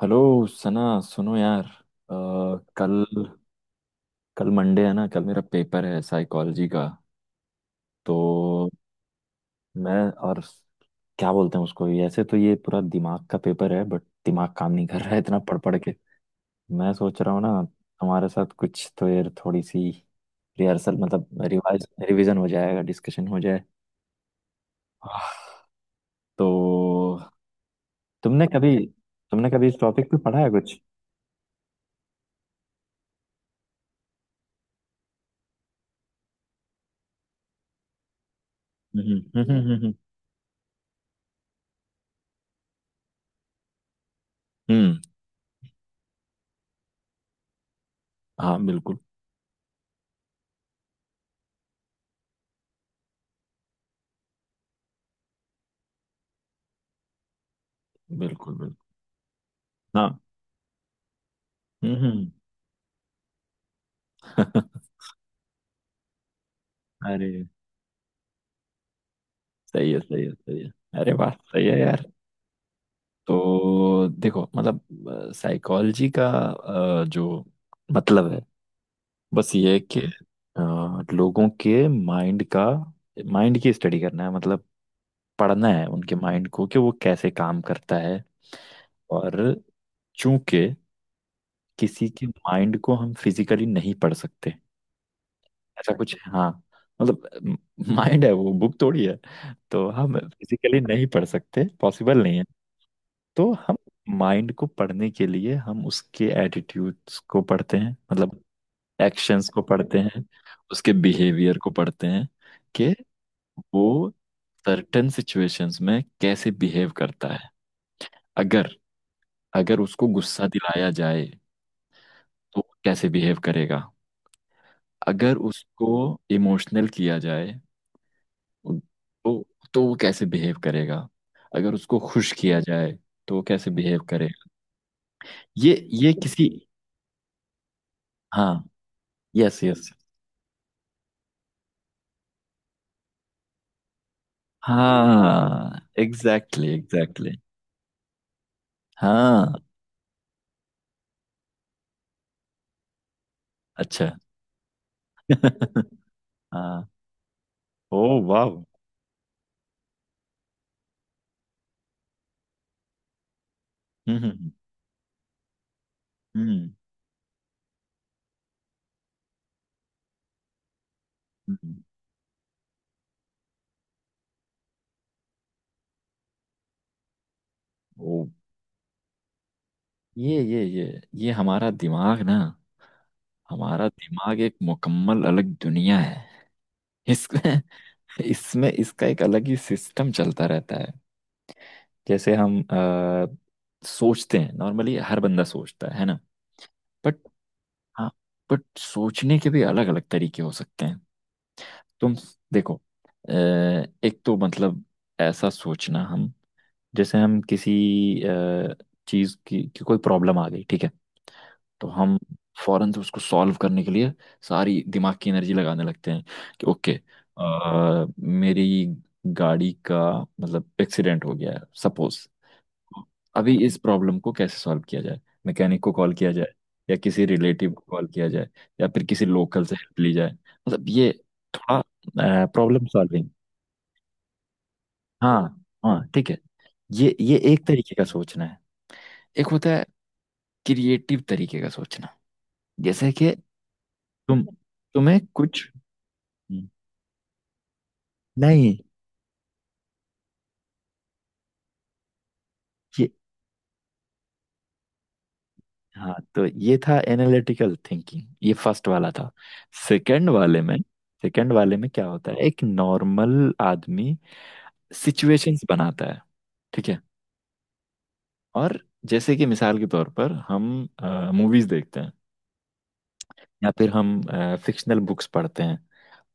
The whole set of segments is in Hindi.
हेलो सना। सुनो यार, कल कल मंडे है ना। कल मेरा पेपर है साइकोलॉजी का। तो मैं और क्या बोलते हैं उसको ऐसे, तो ये पूरा दिमाग का पेपर है, बट दिमाग काम नहीं कर रहा है इतना पढ़ पढ़ के। मैं सोच रहा हूँ ना, हमारे साथ कुछ तो यार, थोड़ी सी रिहर्सल मतलब रिवाइज रिवीजन हो जाएगा, डिस्कशन हो जाए। आह, तो तुमने कभी तुमने कभी इस टॉपिक पे पढ़ा है कुछ। हम्म, हम्म, हम्म, हम्म, हम्म। हाँ, बिल्कुल, बिल्कुल, बिल्कुल। हाँ। हम्म। अरे, सही है, सही है, सही है। अरे वाह, सही है यार। तो देखो, मतलब साइकोलॉजी का जो मतलब है बस ये है कि लोगों के माइंड की स्टडी करना है, मतलब पढ़ना है उनके माइंड को कि वो कैसे काम करता है। और चूंकि किसी के माइंड को हम फिजिकली नहीं पढ़ सकते, ऐसा कुछ। हाँ, मतलब माइंड है, वो बुक थोड़ी है। तो हम फिजिकली नहीं पढ़ सकते, पॉसिबल नहीं है। तो हम माइंड को पढ़ने के लिए हम उसके एटीट्यूड्स को पढ़ते हैं, मतलब एक्शंस को पढ़ते हैं, उसके बिहेवियर को पढ़ते हैं कि वो सर्टेन सिचुएशंस में कैसे बिहेव करता है। अगर अगर उसको गुस्सा दिलाया जाए तो वो कैसे बिहेव करेगा। अगर उसको इमोशनल किया जाए तो तो वो कैसे बिहेव करेगा। अगर उसको खुश किया जाए तो वो कैसे बिहेव करेगा। ये ये किसी। हाँ, यस, यस। हाँ, एग्जैक्टली, एग्जैक्टली। हाँ। अच्छा। हाँ। ओ वाह। हम्म, हम्म, हम्म, हम्म। ओ। ये हमारा दिमाग ना, हमारा दिमाग एक मुकम्मल अलग दुनिया है। इसमें इसमें इसका एक अलग ही सिस्टम चलता रहता है। जैसे हम सोचते हैं नॉर्मली, हर बंदा सोचता है ना। बट, हाँ, बट सोचने के भी अलग अलग तरीके हो सकते हैं। तुम देखो, अ, एक तो मतलब ऐसा सोचना, हम जैसे हम किसी अ, चीज़ की कोई प्रॉब्लम आ गई, ठीक है। तो हम फौरन से उसको सॉल्व करने के लिए सारी दिमाग की एनर्जी लगाने लगते हैं, कि ओके, मेरी गाड़ी का मतलब एक्सीडेंट हो गया है सपोज। अभी इस प्रॉब्लम को कैसे सॉल्व किया जाए, मैकेनिक को कॉल किया जाए या किसी रिलेटिव को कॉल किया जाए या फिर किसी लोकल से हेल्प ली जाए, मतलब ये थोड़ा प्रॉब्लम सॉल्विंग। हाँ हाँ, ठीक है। ये एक तरीके का सोचना है। एक होता है क्रिएटिव तरीके का सोचना। जैसे कि तुम तुम्हें कुछ नहीं ये। हाँ, तो ये था एनालिटिकल थिंकिंग, ये फर्स्ट वाला था। सेकंड वाले में सेकंड वाले में क्या होता है, एक नॉर्मल आदमी सिचुएशंस बनाता है, ठीक है। और जैसे कि मिसाल के तौर पर हम मूवीज देखते हैं या फिर हम फिक्शनल बुक्स पढ़ते हैं,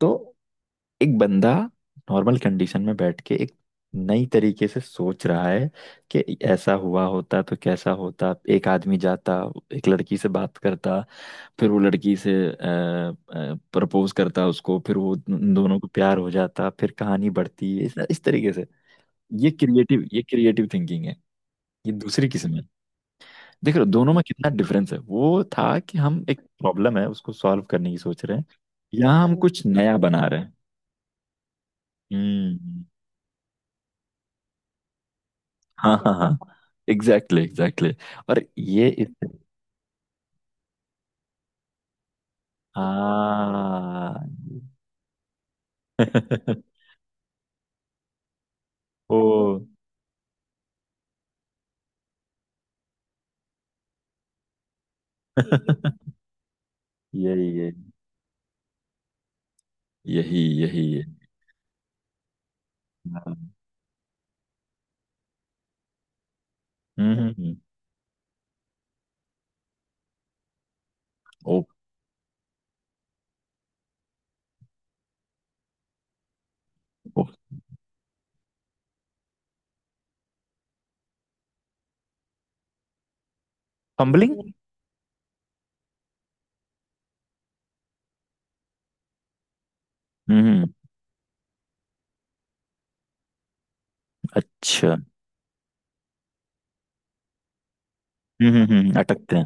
तो एक बंदा नॉर्मल कंडीशन में बैठ के एक नई तरीके से सोच रहा है कि ऐसा हुआ होता तो कैसा होता, एक आदमी जाता, एक लड़की से बात करता, फिर वो लड़की से प्रपोज करता उसको, फिर वो उन दोनों को प्यार हो जाता, फिर कहानी बढ़ती इस तरीके से। ये क्रिएटिव थिंकिंग है। ये दूसरी किस्म है। देख रहे हो दोनों में कितना डिफरेंस है। वो था कि हम एक प्रॉब्लम है उसको सॉल्व करने की सोच रहे हैं, यहाँ हम कुछ नया बना रहे हैं। हम्म। हाँ हाँ हाँ, एग्जैक्टली, एग्जैक्टली। और ये इस, हाँ। ओ। यही यही, यही यही है। हाँ। हम्म, हम्म, ओ। ओ, फंबलिंग। हम्म, अच्छा। हम्म, हम्म, अटकते हैं।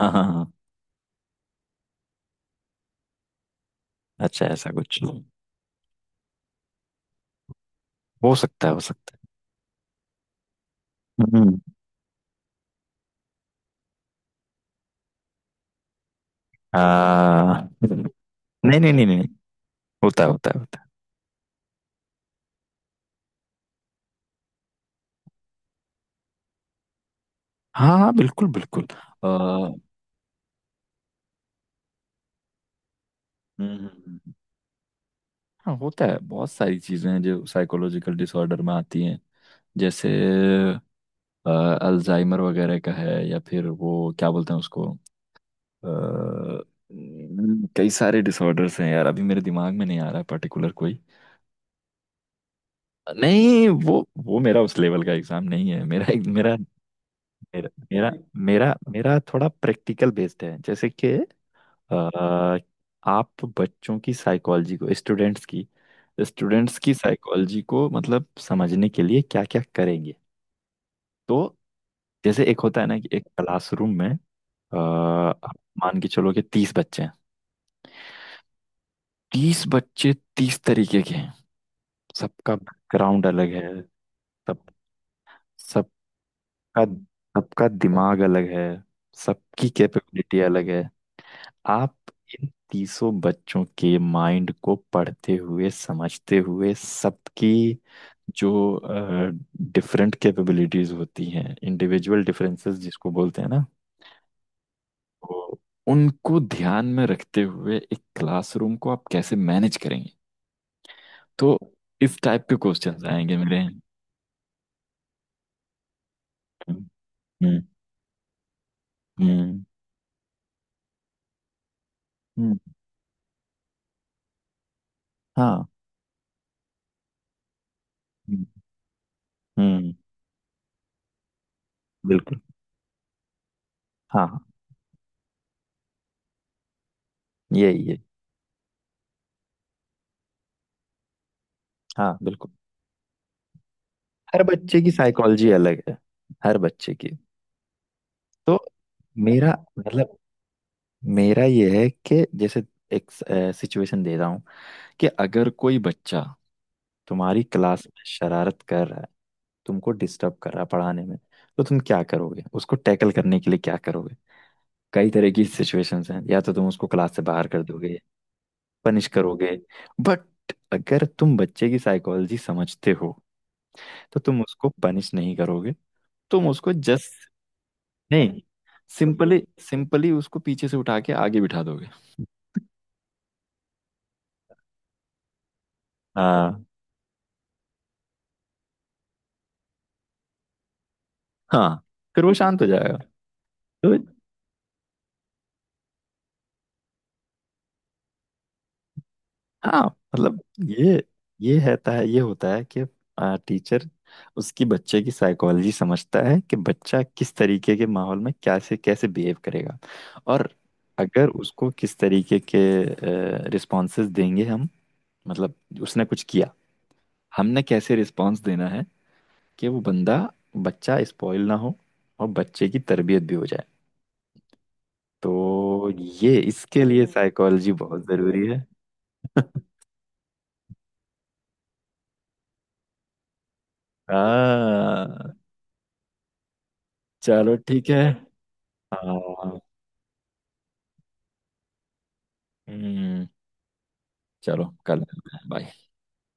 हाँ हाँ हाँ। अच्छा, ऐसा कुछ। हो सकता है, हो सकता है। हम्म, हम्म। नहीं नहीं नहीं नहीं। होता है, होता है, होता है। हाँ हाँ, बिल्कुल, बिल्कुल। आ, हम्म, हाँ होता है, बहुत सारी चीजें हैं जो साइकोलॉजिकल डिसऑर्डर में आती हैं। जैसे अल्जाइमर वगैरह का है या फिर वो क्या बोलते हैं उसको। कई सारे डिसऑर्डर्स हैं यार, अभी मेरे दिमाग में नहीं आ रहा है पर्टिकुलर कोई। नहीं, वो मेरा उस लेवल का एग्जाम नहीं है। मेरा मेरा मेरा मेरा मेरा, मेरा थोड़ा प्रैक्टिकल बेस्ड है। जैसे कि अ, आप बच्चों की साइकोलॉजी को स्टूडेंट्स की साइकोलॉजी को मतलब समझने के लिए क्या क्या करेंगे। तो जैसे एक होता है ना कि एक क्लासरूम में आप मान के चलो कि 30 बच्चे हैं। 30 बच्चे 30 तरीके के हैं। सबका बैकग्राउंड अलग है। सब सबका सबका दिमाग अलग है। सबकी कैपेबिलिटी अलग है। आप इन तीसों बच्चों के माइंड को पढ़ते हुए, समझते हुए, सबकी जो डिफरेंट कैपेबिलिटीज होती हैं, इंडिविजुअल डिफरेंसेस जिसको बोलते हैं ना, तो उनको ध्यान में रखते हुए एक क्लासरूम को आप कैसे मैनेज करेंगे। तो इस टाइप के क्वेश्चंस आएंगे मेरे। हम्म, हम्म, हम्म, हम्म। हाँ, हम्म, हम्म, बिल्कुल। हाँ हाँ, यही यही। हाँ, बिल्कुल। हर बच्चे की साइकोलॉजी अलग है, हर बच्चे की। तो मेरा मतलब, मेरा ये है कि जैसे एक सिचुएशन दे रहा हूँ कि अगर कोई बच्चा तुम्हारी क्लास में शरारत कर रहा है, तुमको डिस्टर्ब कर रहा है पढ़ाने में, तो तुम क्या करोगे, उसको टैकल करने के लिए क्या करोगे। कई तरह की सिचुएशंस हैं, या तो तुम उसको क्लास से बाहर कर दोगे, पनिश करोगे। बट अगर तुम बच्चे की साइकोलॉजी समझते हो तो तुम उसको पनिश नहीं करोगे। तुम उसको जस्ट, नहीं, सिंपली सिंपली उसको पीछे से उठा के आगे बिठा दोगे। हाँ। हाँ, फिर वो शांत हो जाएगा, तो हाँ। मतलब ये ये रहता है, ये होता है कि टीचर उसकी बच्चे की साइकोलॉजी समझता है कि बच्चा किस तरीके के माहौल में क्या से कैसे बिहेव करेगा। और अगर उसको किस तरीके के रिस्पॉन्सेस देंगे हम, मतलब उसने कुछ किया, हमने कैसे रिस्पॉन्स देना है कि वो बंदा बच्चा स्पॉइल ना हो और बच्चे की तरबियत भी हो जाए। तो ये इसके लिए साइकोलॉजी बहुत ज़रूरी है। हाँ, चलो ठीक है। हाँ, हम्म, चलो कर लेते हैं, बाय।